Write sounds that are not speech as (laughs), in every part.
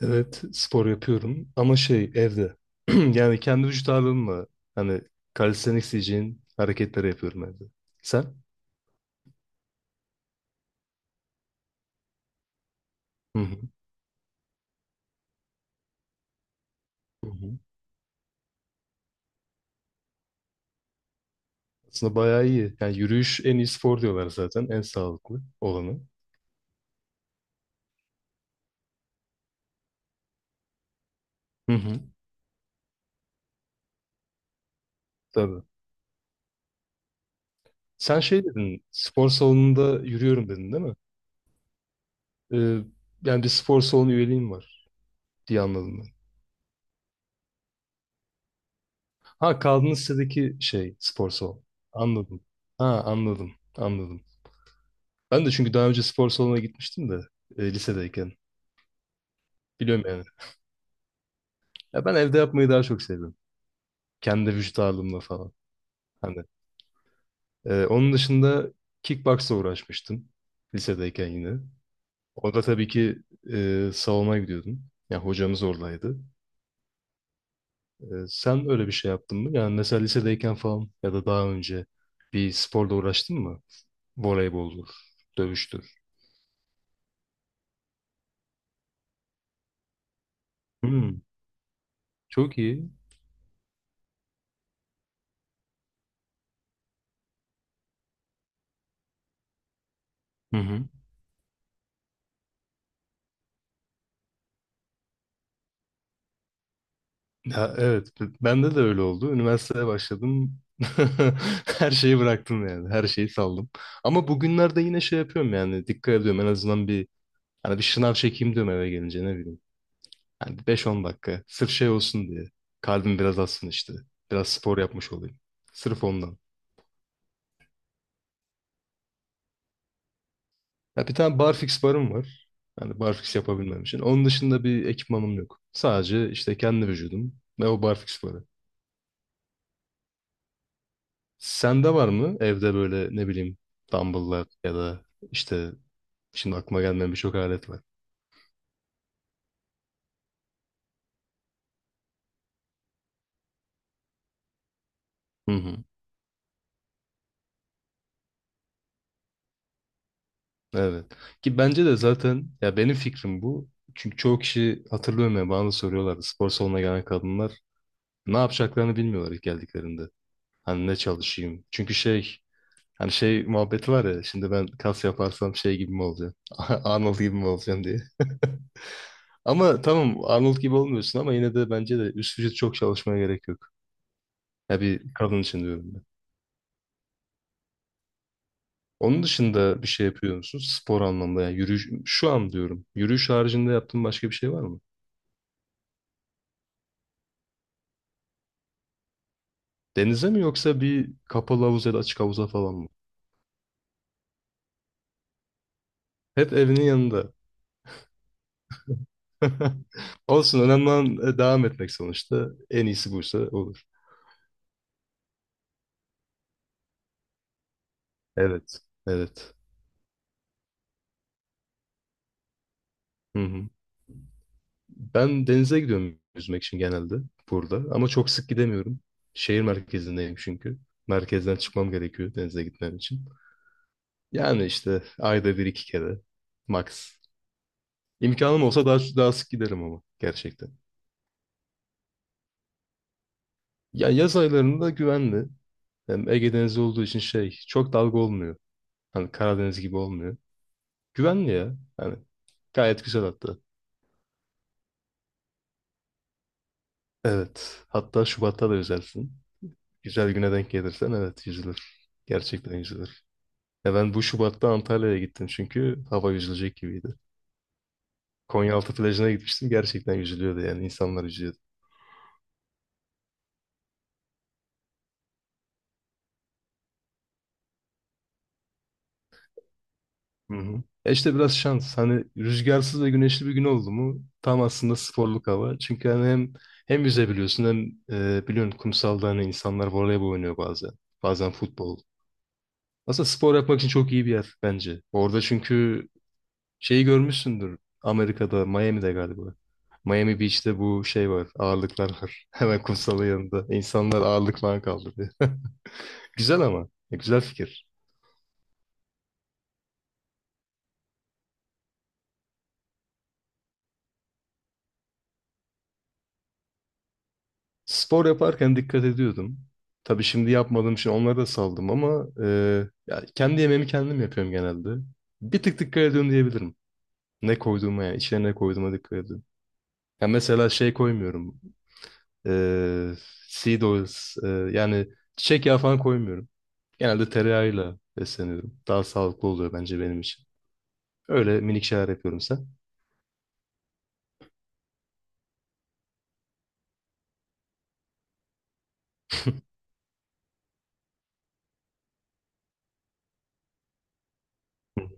Evet, spor yapıyorum ama şey evde. (clears throat) Yani kendi vücut ağırlığımla hani calisthenics diyeceğin hareketleri yapıyorum evde. Sen? Hı hı. Hı hı. Aslında bayağı iyi. Yani yürüyüş en iyi spor diyorlar zaten. En sağlıklı olanı. Hı hı. Tabii. Sen şey dedin, spor salonunda yürüyorum dedin değil mi? Ee, yani bir spor salonu üyeliğim var diye anladım ben. Ha kaldığın sitedeki şey spor salonu. Anladım. Ha anladım. Anladım. Ben de çünkü daha önce spor salonuna gitmiştim de lisedeyken. Biliyorum yani. Ya ben evde yapmayı daha çok seviyorum. Kendi vücut ağırlığımla falan. Hani onun dışında kickboxla uğraşmıştım lisedeyken yine. Orada tabii ki salona gidiyordum. Ya hocamız oradaydı. Sen öyle bir şey yaptın mı? Yani mesela lisedeyken falan ya da daha önce bir sporla uğraştın mı? Voleyboldur, dövüştür. Hmm, çok iyi. Hı hı. Ya evet, bende de öyle oldu. Üniversiteye başladım. (laughs) Her şeyi bıraktım yani. Her şeyi saldım. Ama bugünlerde yine şey yapıyorum yani. Dikkat ediyorum. En azından hani bir şınav çekeyim diyorum eve gelince ne bileyim. Yani beş on dakika. Sırf şey olsun diye. Kalbim biraz atsın işte. Biraz spor yapmış olayım. Sırf ondan. Ya bir tane barfix barım var. Yani barfix yapabilmem için. Onun dışında bir ekipmanım yok. Sadece işte kendi vücudum ve o barfix barı. Sende var mı evde böyle ne bileyim dumbbell'lar ya da işte şimdi aklıma gelmeyen birçok alet var. Hı hı. Evet. Ki bence de zaten ya benim fikrim bu. Çünkü çoğu kişi hatırlıyorum ya bana da soruyorlardı spor salonuna gelen kadınlar ne yapacaklarını bilmiyorlar ilk geldiklerinde. Hani ne çalışayım? Çünkü şey hani şey muhabbeti var ya şimdi ben kas yaparsam şey gibi mi olacağım? (laughs) Arnold gibi mi olacağım diye. (laughs) Ama tamam Arnold gibi olmuyorsun ama yine de bence de üst vücut çok çalışmaya gerek yok. Ya bir kadın için diyorum. Onun dışında bir şey yapıyor musunuz? Spor anlamda yani yürüyüş, şu an diyorum. Yürüyüş haricinde yaptığın başka bir şey var mı? Denize mi yoksa bir kapalı havuz ya da açık havuza falan mı? Hep evinin yanında. (laughs) Olsun önemli olan devam etmek sonuçta. En iyisi buysa olur. Evet. Evet. Hı hı. Ben denize gidiyorum yüzmek için genelde burada. Ama çok sık gidemiyorum. Şehir merkezindeyim çünkü. Merkezden çıkmam gerekiyor denize gitmem için. Yani işte ayda bir iki kere. Max. İmkanım olsa daha sık giderim ama gerçekten. Ya yaz aylarında güvenli. Hem Ege Denizi olduğu için şey çok dalga olmuyor. Hani Karadeniz gibi olmuyor. Güvenli ya. Hani gayet güzel hatta. Evet. Hatta Şubat'ta da yüzersin. Güzel güne denk gelirsen evet yüzülür. Gerçekten yüzülür. Ya ben bu Şubat'ta Antalya'ya gittim çünkü hava yüzülecek gibiydi. Konyaaltı plajına gitmiştim. Gerçekten yüzülüyordu yani. İnsanlar yüzüyordu. Hı hı. E işte biraz şans. Hani rüzgarsız ve güneşli bir gün oldu mu tam aslında sporluk hava. Çünkü hani hem yüzebiliyorsun hem biliyorsun kumsalda hani insanlar voleybol oynuyor bazen. Bazen futbol. Aslında spor yapmak için çok iyi bir yer bence. Orada çünkü şeyi görmüşsündür. Amerika'da, Miami'de galiba. Miami Beach'te bu şey var. Ağırlıklar var. (laughs) Hemen kumsalın yanında. İnsanlar ağırlık falan kaldırıyor. (laughs) Güzel ama. Ya, güzel fikir. Spor yaparken dikkat ediyordum. Tabii şimdi yapmadığım için onları da saldım ama ya kendi yemeğimi kendim yapıyorum genelde. Bir tık dikkat ediyorum diyebilirim. Ne koyduğuma yani içine ne koyduğuma dikkat ediyorum. Ya mesela şey koymuyorum. E, seed oils yani çiçek yağı falan koymuyorum. Genelde tereyağıyla besleniyorum. Daha sağlıklı oluyor bence benim için. Öyle minik şeyler yapıyorum sen. Hı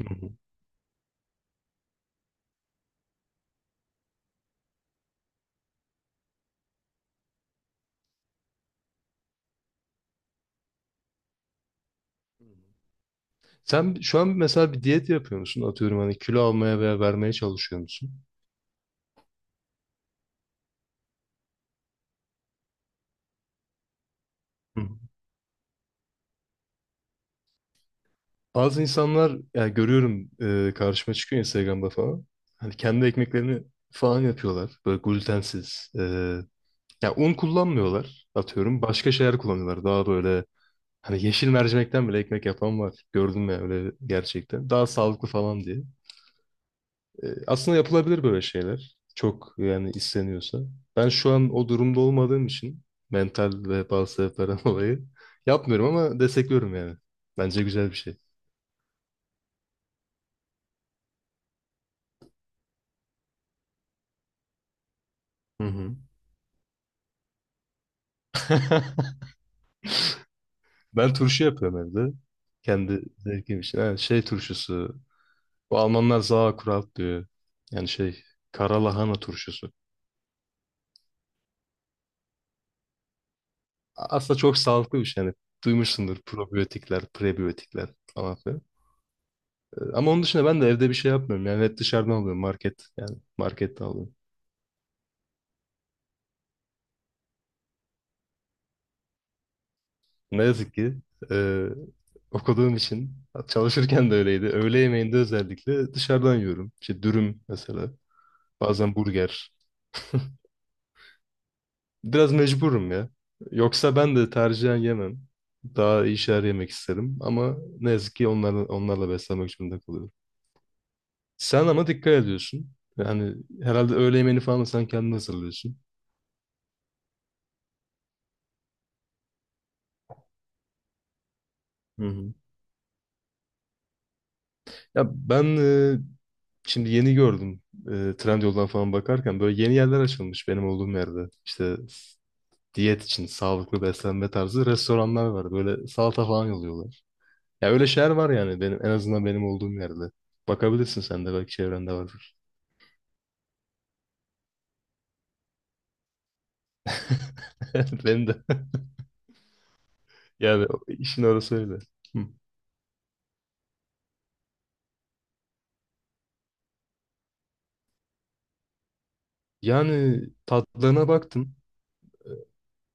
hı. Hı. Sen şu an mesela bir diyet yapıyor musun? Atıyorum hani kilo almaya veya vermeye çalışıyor musun? Hı. Hı. Bazı insanlar ya görüyorum karşıma çıkıyor Instagram'da falan. Hani kendi ekmeklerini falan yapıyorlar. Böyle glutensiz. Ya un kullanmıyorlar atıyorum. Başka şeyler kullanıyorlar. Daha böyle hani yeşil mercimekten bile ekmek yapan var. Gördüm ya öyle gerçekten. Daha sağlıklı falan diye. Aslında yapılabilir böyle şeyler. Çok yani isteniyorsa. Ben şu an o durumda olmadığım için mental ve bazı sebeplerden (laughs) dolayı yapmıyorum ama destekliyorum yani. Bence güzel bir şey. Hı hı. (laughs) Ben turşu yapıyorum evde. Kendi zevkim için. Ha, şey turşusu. Bu Almanlar Sauerkraut diyor. Yani şey kara lahana turşusu. Aslında çok sağlıklı bir şey. Yani duymuşsundur probiyotikler, prebiyotikler falan. Ama onun dışında ben de evde bir şey yapmıyorum. Yani hep dışarıdan alıyorum market. Yani markette alıyorum. Ne yazık ki e, okuduğum için çalışırken de öyleydi. Öğle yemeğinde özellikle dışarıdan yiyorum. İşte dürüm mesela. Bazen burger. Biraz mecburum ya. Yoksa ben de tercihen yemem. Daha iyi şeyler yemek isterim. Ama ne yazık ki onlarla beslenmek zorunda kalıyorum. Sen ama dikkat ediyorsun. Yani herhalde öğle yemeğini falan da sen kendin hazırlıyorsun. Hı hı. Ya ben şimdi yeni gördüm. Trendyol'dan falan bakarken böyle yeni yerler açılmış benim olduğum yerde. İşte diyet için sağlıklı beslenme tarzı restoranlar var. Böyle salata falan yolluyorlar. Ya öyle şeyler var yani benim en azından benim olduğum yerde. Bakabilirsin sen de belki çevrende vardır. (laughs) Benim de. (laughs) Yani işin orası öyle. Hı. Yani tatlarına baktım.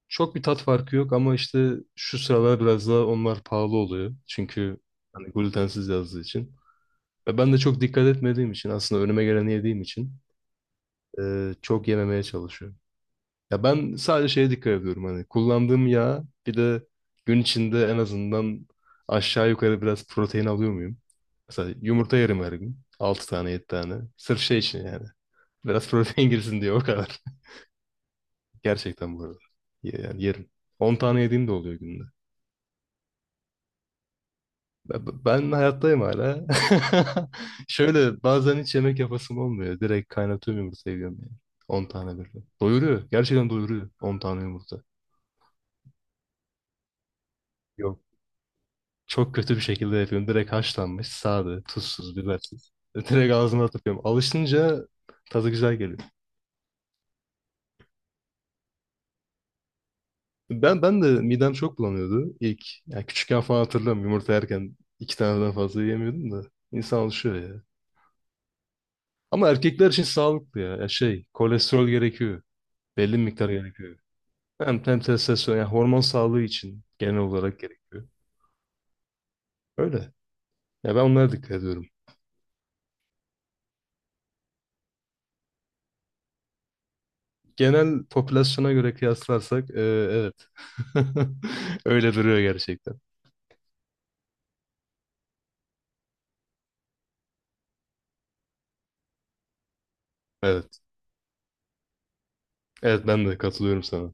Çok bir tat farkı yok ama işte şu sıralar biraz daha onlar pahalı oluyor. Çünkü hani glutensiz yazdığı için. Ve ben de çok dikkat etmediğim için aslında önüme geleni yediğim için çok yememeye çalışıyorum. Ya ben sadece şeye dikkat ediyorum hani kullandığım yağ bir de gün içinde en azından aşağı yukarı biraz protein alıyor muyum? Mesela yumurta yerim her gün. Altı tane 7 tane. Sırf şey için yani. Biraz (laughs) protein girsin diye o kadar. (laughs) Gerçekten bu arada. Yani yerim. 10 tane yediğim de oluyor günde. Ben hayattayım hala. (laughs) Şöyle bazen hiç yemek yapasım olmuyor. Direkt kaynatıyorum yumurtayı yiyorum yani. 10 tane böyle. Doyuruyor. Gerçekten doyuruyor. 10 tane yumurta. Yok. Çok kötü bir şekilde yapıyorum. Direkt haşlanmış, sade, tuzsuz, bibersiz. (laughs) Direkt ağzıma atıyorum. Alışınca tadı güzel geliyor. Ben de midem çok bulanıyordu ilk. Yani küçükken falan hatırlıyorum yumurta yerken iki taneden fazla yiyemiyordum da. İnsan alışıyor ya. Ama erkekler için sağlıklı ya. Ya şey, kolesterol gerekiyor. Belli bir miktar gerekiyor. Hem testosteron yani hormon sağlığı için genel olarak gerekiyor. Öyle. Ya ben onlara dikkat ediyorum. Genel popülasyona göre kıyaslarsak evet. (laughs) Öyle duruyor gerçekten. Evet. Evet ben de katılıyorum sana.